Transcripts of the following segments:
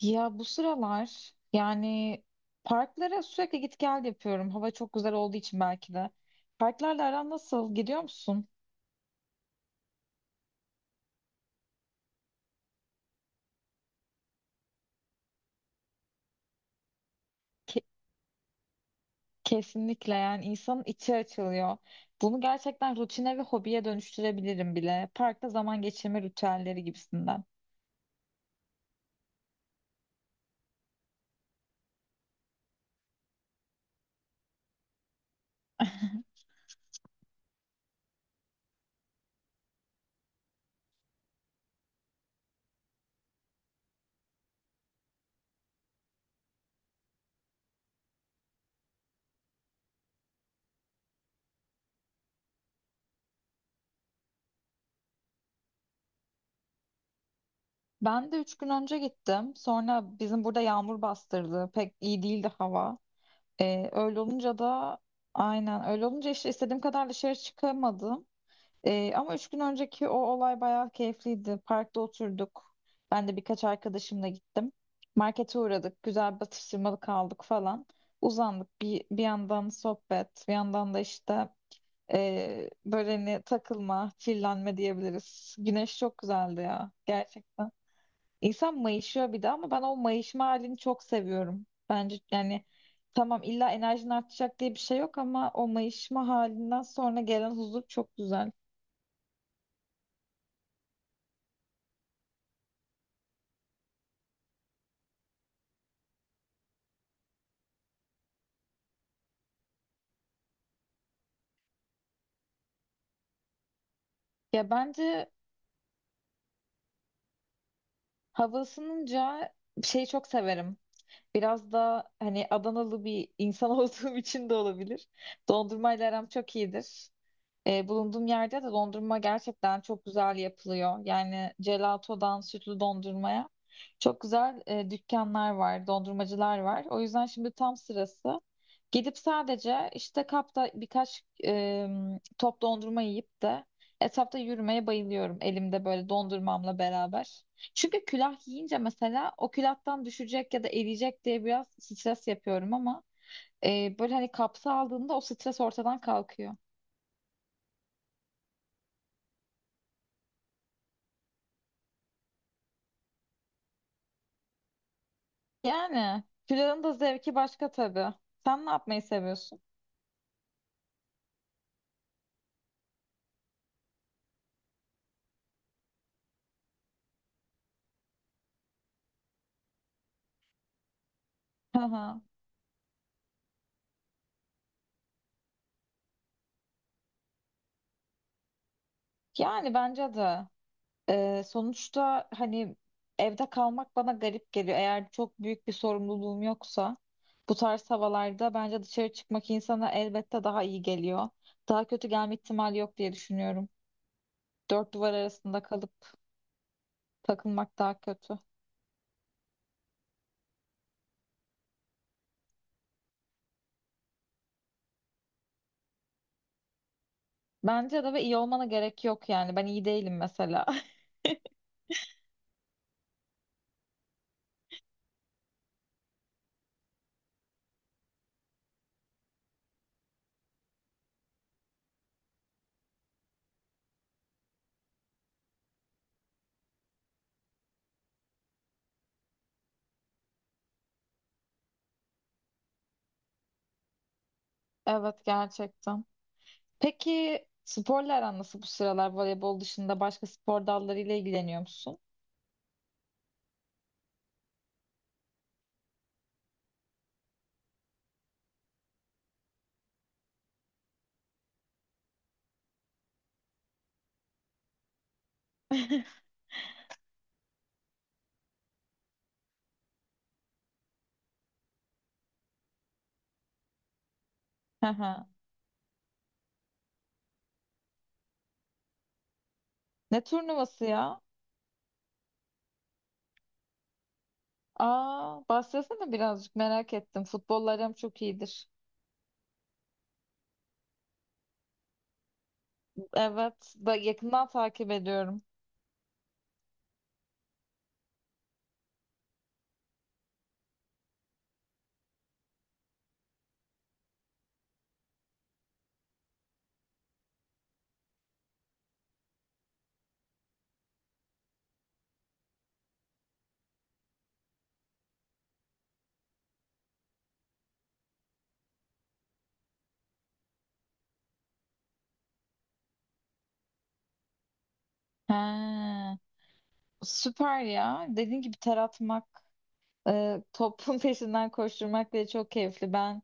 Ya bu sıralar yani parklara sürekli git gel yapıyorum. Hava çok güzel olduğu için belki de. Parklarla aran nasıl? Gidiyor musun? Ke- kesinlikle yani insanın içi açılıyor. Bunu gerçekten rutine ve hobiye dönüştürebilirim bile. Parkta zaman geçirme ritüelleri gibisinden. Ben de 3 gün önce gittim. Sonra bizim burada yağmur bastırdı. Pek iyi değildi hava. Öyle olunca da aynen öyle olunca işte istediğim kadar dışarı çıkamadım. Ama 3 gün önceki o olay bayağı keyifliydi. Parkta oturduk. Ben de birkaç arkadaşımla gittim. Markete uğradık. Güzel bir atıştırmalık aldık falan. Uzandık. Bir yandan sohbet, bir yandan da böyle hani takılma, chillenme diyebiliriz. Güneş çok güzeldi ya gerçekten. İnsan mayışıyor bir de ama ben o mayışma halini çok seviyorum. Bence yani tamam illa enerjin artacak diye bir şey yok ama o mayışma halinden sonra gelen huzur çok güzel. Ya bence hava ısınınca şeyi çok severim. Biraz da hani Adanalı bir insan olduğum için de olabilir. Dondurmayla aram çok iyidir. E, bulunduğum yerde de dondurma gerçekten çok güzel yapılıyor. Yani gelatodan sütlü dondurmaya çok güzel dükkanlar var, dondurmacılar var. O yüzden şimdi tam sırası. Gidip sadece işte kapta birkaç top dondurma yiyip de etrafta yürümeye bayılıyorum elimde böyle dondurmamla beraber. Çünkü külah yiyince mesela o külahtan düşecek ya da eriyecek diye biraz stres yapıyorum ama böyle hani kapsa aldığında o stres ortadan kalkıyor. Yani külahın da zevki başka tabii. Sen ne yapmayı seviyorsun? Hı hı. Yani bence de sonuçta hani evde kalmak bana garip geliyor. Eğer çok büyük bir sorumluluğum yoksa bu tarz havalarda bence dışarı çıkmak insana elbette daha iyi geliyor. Daha kötü gelme ihtimali yok diye düşünüyorum. Dört duvar arasında kalıp takılmak daha kötü. Bence de ve iyi olmana gerek yok yani. Ben iyi değilim mesela. Evet gerçekten. Peki sporla aran nasıl bu sıralar, voleybol dışında başka spor dallarıyla ilgileniyor musun? Hı hı. Ne turnuvası ya? Aa, bahsetsene birazcık merak ettim. Futbollarım çok iyidir. Evet, da yakından takip ediyorum. Ha, süper ya. Dediğin gibi ter atmak, topun peşinden koşturmak bile çok keyifli. Ben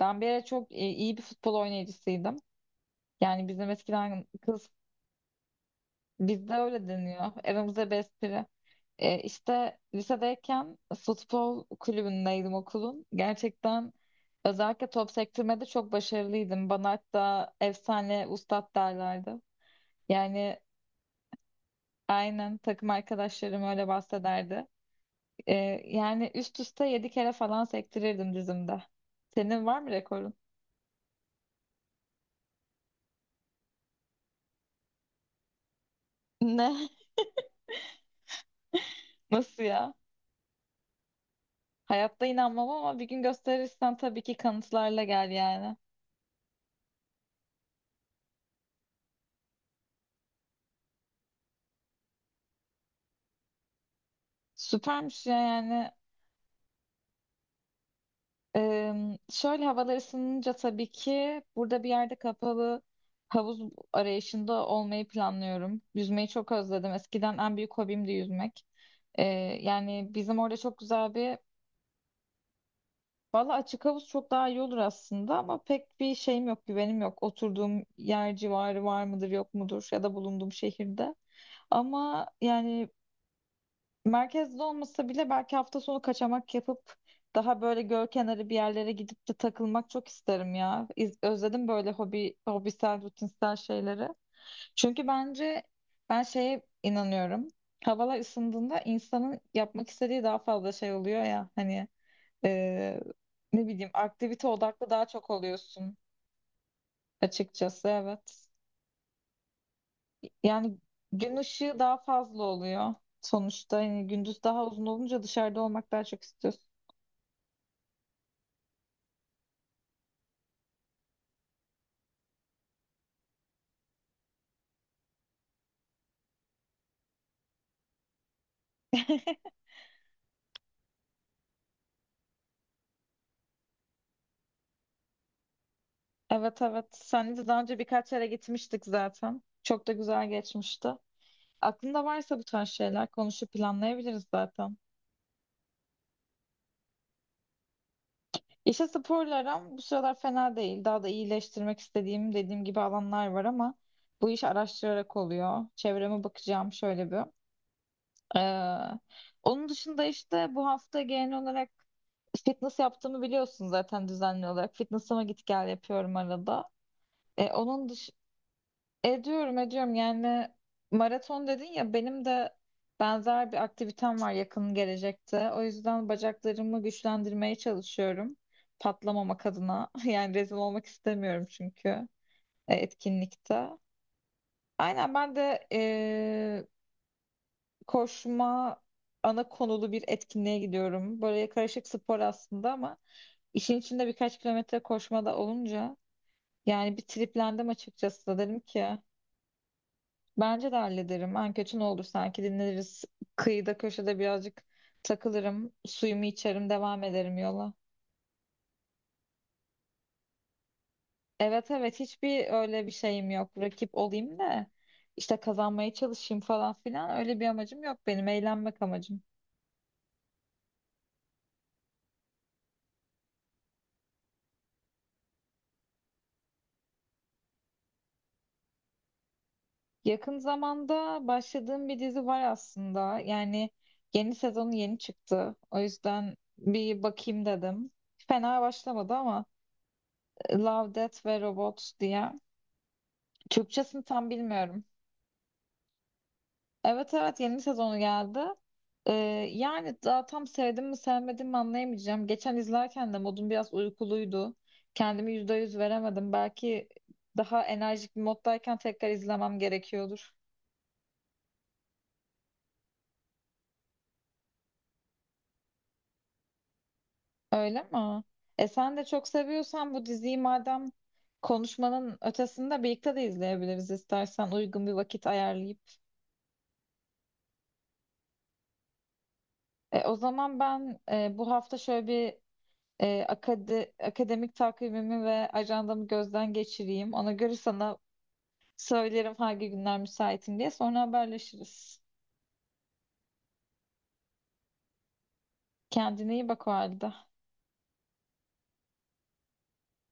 ben bir ara iyi bir futbol oynayıcısıydım. Yani bizim eskiden kız bizde öyle deniyor. Aramızda bir espri. E, işte lisedeyken futbol kulübündeydim okulun. Gerçekten özellikle top sektirmede çok başarılıydım. Bana hatta efsane ustad derlerdi. Yani aynen, takım arkadaşlarım öyle bahsederdi. Ee, Yani üst üste 7 kere falan sektirirdim dizimde. Senin var mı rekorun? Ne? Nasıl ya? Hayatta inanmam ama bir gün gösterirsen tabii ki kanıtlarla gel yani. Süpermiş ya yani. Ee, Şöyle havalar ısınınca tabii ki burada bir yerde kapalı havuz arayışında olmayı planlıyorum. Yüzmeyi çok özledim. Eskiden en büyük hobimdi yüzmek. Ee, Yani bizim orada çok güzel bir valla açık havuz çok daha iyi olur aslında ama pek bir şeyim yok, güvenim yok. Oturduğum yer civarı var mıdır, yok mudur ya da bulunduğum şehirde. Ama yani merkezde olmasa bile belki hafta sonu kaçamak yapıp daha böyle göl kenarı bir yerlere gidip de takılmak çok isterim ya. Özledim böyle hobi, hobisel, rutinsel şeyleri. Çünkü bence ben şeye inanıyorum. Havalar ısındığında insanın yapmak istediği daha fazla şey oluyor ya hani ee, ne bileyim aktivite odaklı daha çok oluyorsun açıkçası evet. Yani gün ışığı daha fazla oluyor sonuçta. Yani gündüz daha uzun olunca dışarıda olmak daha çok istiyorsun. Evet, evet. Seninle de daha önce birkaç yere gitmiştik zaten. Çok da güzel geçmişti. Aklında varsa bu tarz şeyler konuşup planlayabiliriz zaten. İşte sporla aram bu sıralar fena değil. Daha da iyileştirmek istediğim dediğim gibi alanlar var ama bu iş araştırarak oluyor. Çevreme bakacağım şöyle bir. Ee, Onun dışında işte bu hafta genel olarak fitness yaptığımı biliyorsun zaten düzenli olarak. Fitness'ıma git gel yapıyorum arada. E, onun dış Ediyorum yani maraton dedin ya benim de benzer bir aktivitem var yakın gelecekte. O yüzden bacaklarımı güçlendirmeye çalışıyorum. Patlamamak adına. Yani rezil olmak istemiyorum çünkü etkinlikte. Aynen, ben de koşma ana konulu bir etkinliğe gidiyorum. Böyle karışık spor aslında ama işin içinde birkaç kilometre koşma da olunca yani bir triplendim açıkçası. Dedim ki bence de hallederim. En kötü ne olur, sanki dinleniriz. Kıyıda köşede birazcık takılırım. Suyumu içerim, devam ederim yola. Evet, evet, hiçbir öyle bir şeyim yok. Rakip olayım da işte kazanmaya çalışayım falan filan öyle bir amacım yok benim. Eğlenmek amacım. Yakın zamanda başladığım bir dizi var aslında. Yani yeni sezonu yeni çıktı. O yüzden bir bakayım dedim. Fena başlamadı ama Love, Death ve Robots diye. Türkçesini tam bilmiyorum. Evet, evet, yeni sezonu geldi. Ee, Yani daha tam sevdim mi sevmedim mi anlayamayacağım. Geçen izlerken de modum biraz uykuluydu. Kendimi %100 veremedim. Belki daha enerjik bir moddayken tekrar izlemem gerekiyordur. Öyle mi? E, sen de çok seviyorsan bu diziyi, madem konuşmanın ötesinde birlikte de izleyebiliriz istersen uygun bir vakit ayarlayıp. O zaman ben bu hafta şöyle bir akademik takvimimi ve ajandamı gözden geçireyim. Ona göre sana söylerim hangi günler müsaitim diye. Sonra haberleşiriz. Kendine iyi bak o halde.